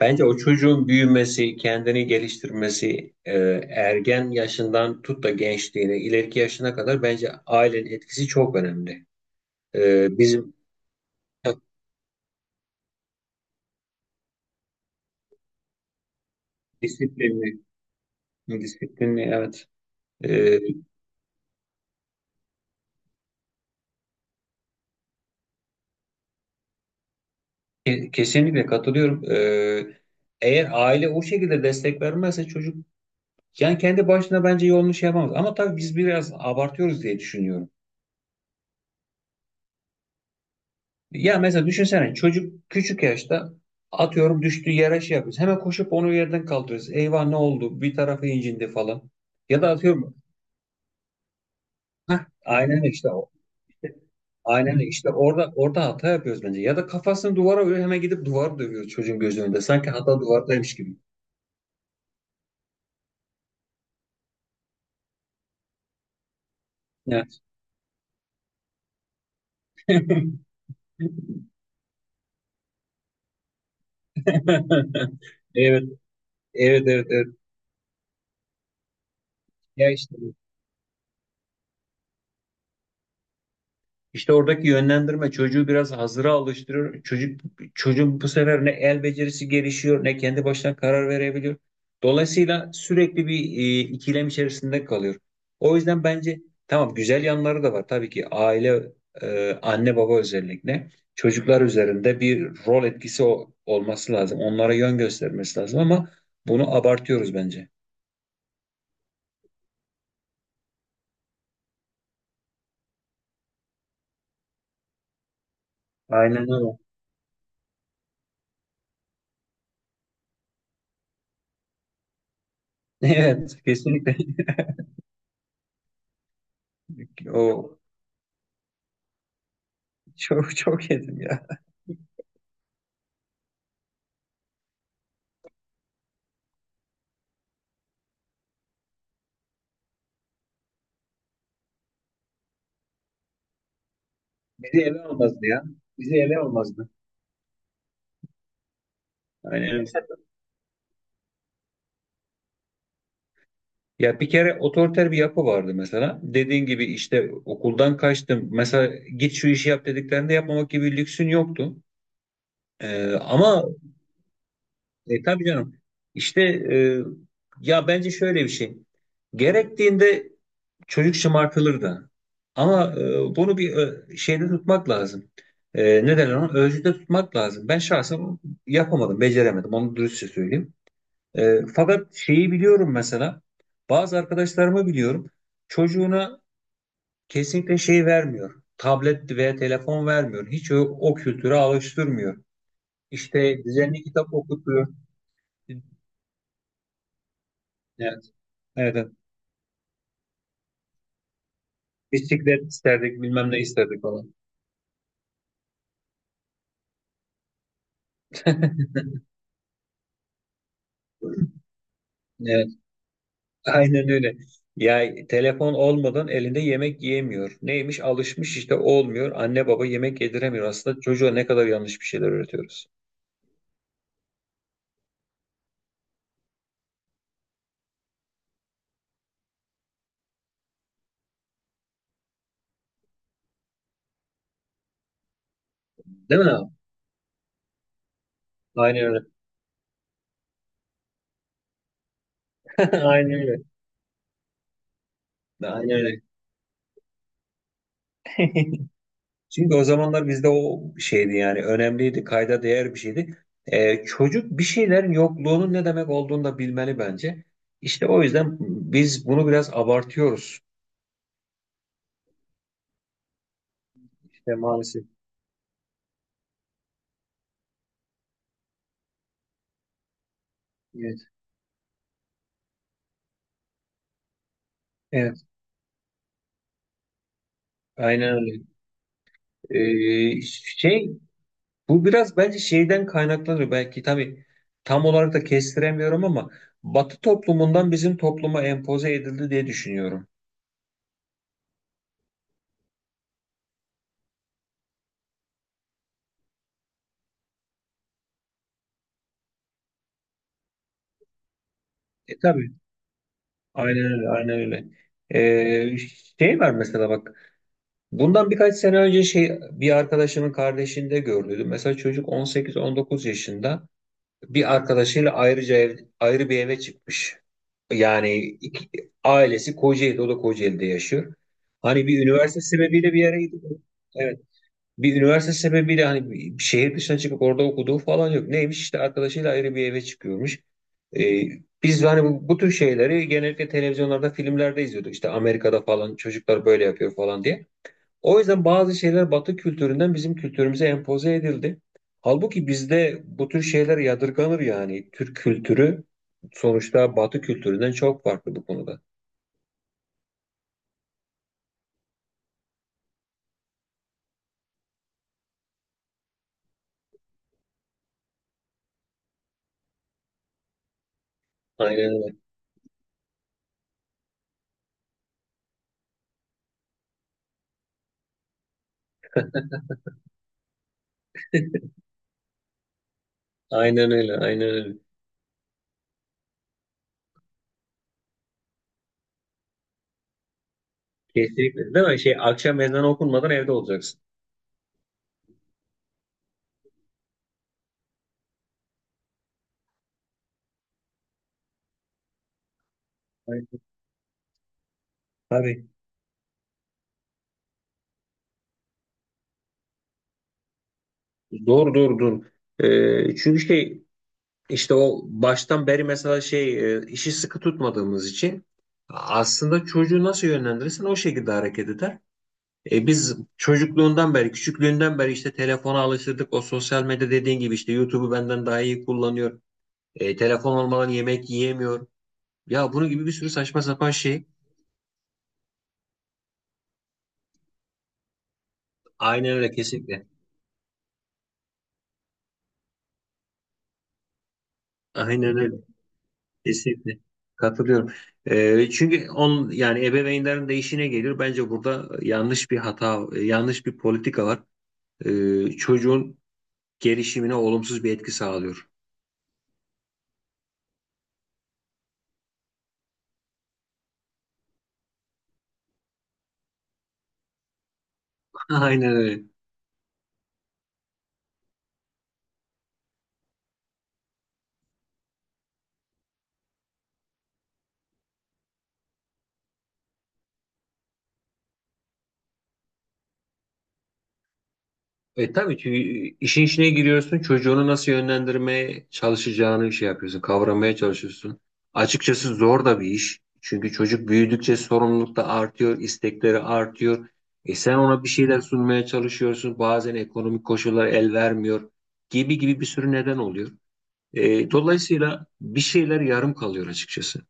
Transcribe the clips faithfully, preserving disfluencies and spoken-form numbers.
Bence o çocuğun büyümesi, kendini geliştirmesi, e, ergen yaşından tut da gençliğine, ileriki yaşına kadar bence ailenin etkisi çok önemli. E, bizim disiplinli, disiplinli evet. E, ke- kesinlikle katılıyorum. E, eğer aile o şekilde destek vermezse çocuk yani kendi başına bence yolunu şey yapamaz. Ama tabii biz biraz abartıyoruz diye düşünüyorum. Ya mesela düşünsene çocuk küçük yaşta atıyorum düştüğü yere şey yapıyoruz. Hemen koşup onu yerden kaldırıyoruz. Eyvah ne oldu? Bir tarafı incindi falan. Ya da atıyorum heh, aynen işte o. Aynen işte orada orada hata yapıyoruz bence. Ya da kafasını duvara vuruyor hemen gidip duvarı dövüyoruz çocuğun gözünün önünde. Sanki hata duvardaymış gibi. Evet. Evet, evet, evet, evet. Ya işte. İşte oradaki yönlendirme çocuğu biraz hazıra alıştırıyor. Çocuk çocuğun bu sefer ne el becerisi gelişiyor ne kendi başına karar verebiliyor. Dolayısıyla sürekli bir e, ikilem içerisinde kalıyor. O yüzden bence tamam güzel yanları da var. Tabii ki aile e, anne baba özellikle çocuklar üzerinde bir rol etkisi o- olması lazım. Onlara yön göstermesi lazım ama bunu abartıyoruz bence. Aynen öyle. Evet, kesinlikle. O çok çok yedim ya. Bizi ele almazdı ya. Bizi ele almazdı. Yani evet. Ya bir kere otoriter bir yapı vardı mesela. Dediğin gibi işte okuldan kaçtım. Mesela git şu işi yap dediklerinde yapmamak gibi bir lüksün yoktu. Ee, ama e, tabii canım işte e, ya bence şöyle bir şey. Gerektiğinde çocuk şımartılır da. Ama e, bunu bir ö- şeyde tutmak lazım. E, ne derler ona? Ölçüde tutmak lazım. Ben şahsen yapamadım, beceremedim. Onu dürüstçe söyleyeyim. E, fakat şeyi biliyorum mesela bazı arkadaşlarımı biliyorum çocuğuna kesinlikle şey vermiyor. Tablet veya telefon vermiyor. Hiç o, o kültüre alıştırmıyor. İşte düzenli kitap okutuyor. Evet. Evet, evet. Bisiklet isterdik bilmem ne isterdik falan. Evet, aynen öyle. Ya telefon olmadan elinde yemek yiyemiyor. Neymiş? Alışmış işte olmuyor. Anne baba yemek yediremiyor. Aslında çocuğa ne kadar yanlış bir şeyler öğretiyoruz. Değil mi abi? Aynen öyle. Aynen öyle. Aynen öyle. Çünkü o zamanlar bizde o şeydi yani önemliydi, kayda değer bir şeydi. Ee, çocuk bir şeylerin yokluğunun ne demek olduğunu da bilmeli bence. İşte o yüzden biz bunu biraz abartıyoruz. İşte maalesef. Evet, evet, aynen öyle. Ee, şey, bu biraz bence şeyden kaynaklanıyor. Belki tabii tam olarak da kestiremiyorum ama Batı toplumundan bizim topluma empoze edildi diye düşünüyorum. E tabii. Aynen öyle, aynen öyle. Ee, şey var mesela bak. Bundan birkaç sene önce şey bir arkadaşımın kardeşinde gördüydüm. Mesela çocuk on sekiz on dokuz yaşında bir arkadaşıyla ayrıca ev, ayrı bir eve çıkmış. Yani iki- ailesi Kocaeli'de, o da Kocaeli'de yaşıyor. Hani bir üniversite sebebiyle bir yere gidiyor bir üniversite sebebiyle hani bir şehir dışına çıkıp orada okuduğu falan yok. Neymiş işte arkadaşıyla ayrı bir eve çıkıyormuş. Ee, biz hani bu, bu tür şeyleri genellikle televizyonlarda, filmlerde izliyorduk. İşte Amerika'da falan çocuklar böyle yapıyor falan diye. O yüzden bazı şeyler Batı kültüründen bizim kültürümüze empoze edildi. Halbuki bizde bu tür şeyler yadırganır yani. Türk kültürü sonuçta Batı kültüründen çok farklı bu konuda. Aynen öyle. Aynen öyle. Aynen öyle. Kesinlikle. Değil mi? Şey, akşam ezanı okunmadan evde olacaksın. Tabii. Doğru doğru doğru. Ee, çünkü işte işte o baştan beri mesela şey e, işi sıkı tutmadığımız için aslında çocuğu nasıl yönlendirirsen o şekilde hareket eder. E, biz çocukluğundan beri, küçüklüğünden beri işte telefona alıştırdık. O sosyal medya dediğin gibi işte YouTube'u benden daha iyi kullanıyor. E, telefon olmadan yemek yiyemiyor. Ya bunun gibi bir sürü saçma sapan şey. Aynen öyle kesinlikle. Aynen öyle. Kesinlikle katılıyorum. Ee, çünkü on yani ebeveynlerin de işine gelir. Bence burada yanlış bir hata, yanlış bir politika var. Ee, çocuğun gelişimine olumsuz bir etki sağlıyor. Aynen öyle. E tabii ki işin içine giriyorsun, çocuğunu nasıl yönlendirmeye çalışacağını şey yapıyorsun, kavramaya çalışıyorsun. Açıkçası zor da bir iş. Çünkü çocuk büyüdükçe sorumluluk da artıyor, istekleri artıyor. E sen ona bir şeyler sunmaya çalışıyorsun. Bazen ekonomik koşullar el vermiyor gibi gibi bir sürü neden oluyor. E, dolayısıyla bir şeyler yarım kalıyor açıkçası.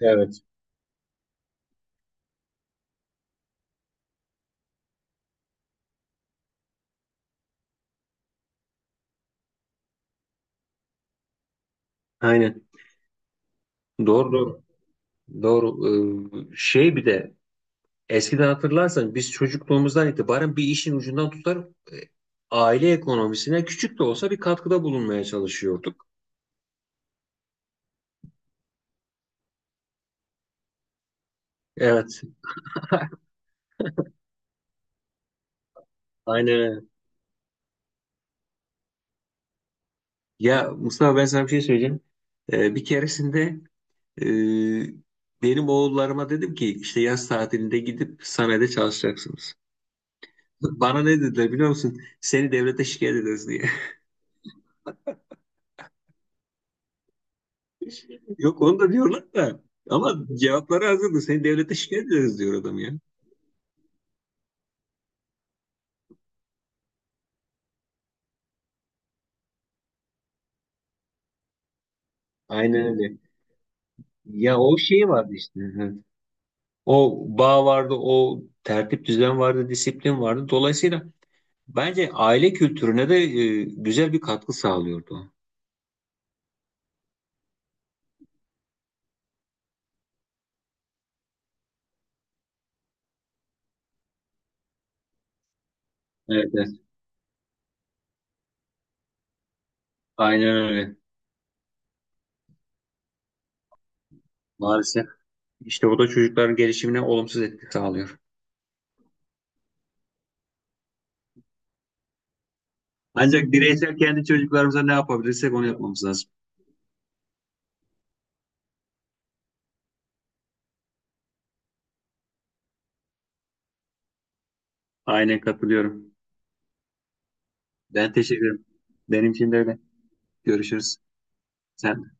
Evet. Aynen. Doğru doğru. Doğru. Ee, şey bir de eskiden hatırlarsan biz çocukluğumuzdan itibaren bir işin ucundan tutar e, aile ekonomisine küçük de olsa bir katkıda bulunmaya çalışıyorduk. Evet, aynen öyle. Ya Mustafa ben sana bir şey söyleyeceğim. E, bir keresinde e, benim oğullarıma dedim ki işte yaz tatilinde gidip sanayide çalışacaksınız. Bana ne dediler biliyor musun? Seni devlete şikayet ederiz diye. Yok onu da diyorlar da ama cevapları hazırdı. Seni devlete şikayet ederiz diyor adam ya. Aynen öyle. Ya o şey vardı işte. Hı. O bağ vardı, o tertip düzen vardı, disiplin vardı. Dolayısıyla bence aile kültürüne de e, güzel bir katkı sağlıyordu, o. Evet, evet. Aynen öyle. Maalesef. İşte bu da çocukların gelişimine olumsuz etki sağlıyor. Ancak bireysel kendi çocuklarımıza ne yapabilirsek onu yapmamız lazım. Aynen katılıyorum. Ben teşekkür ederim. Benim için de öyle. Görüşürüz. Sen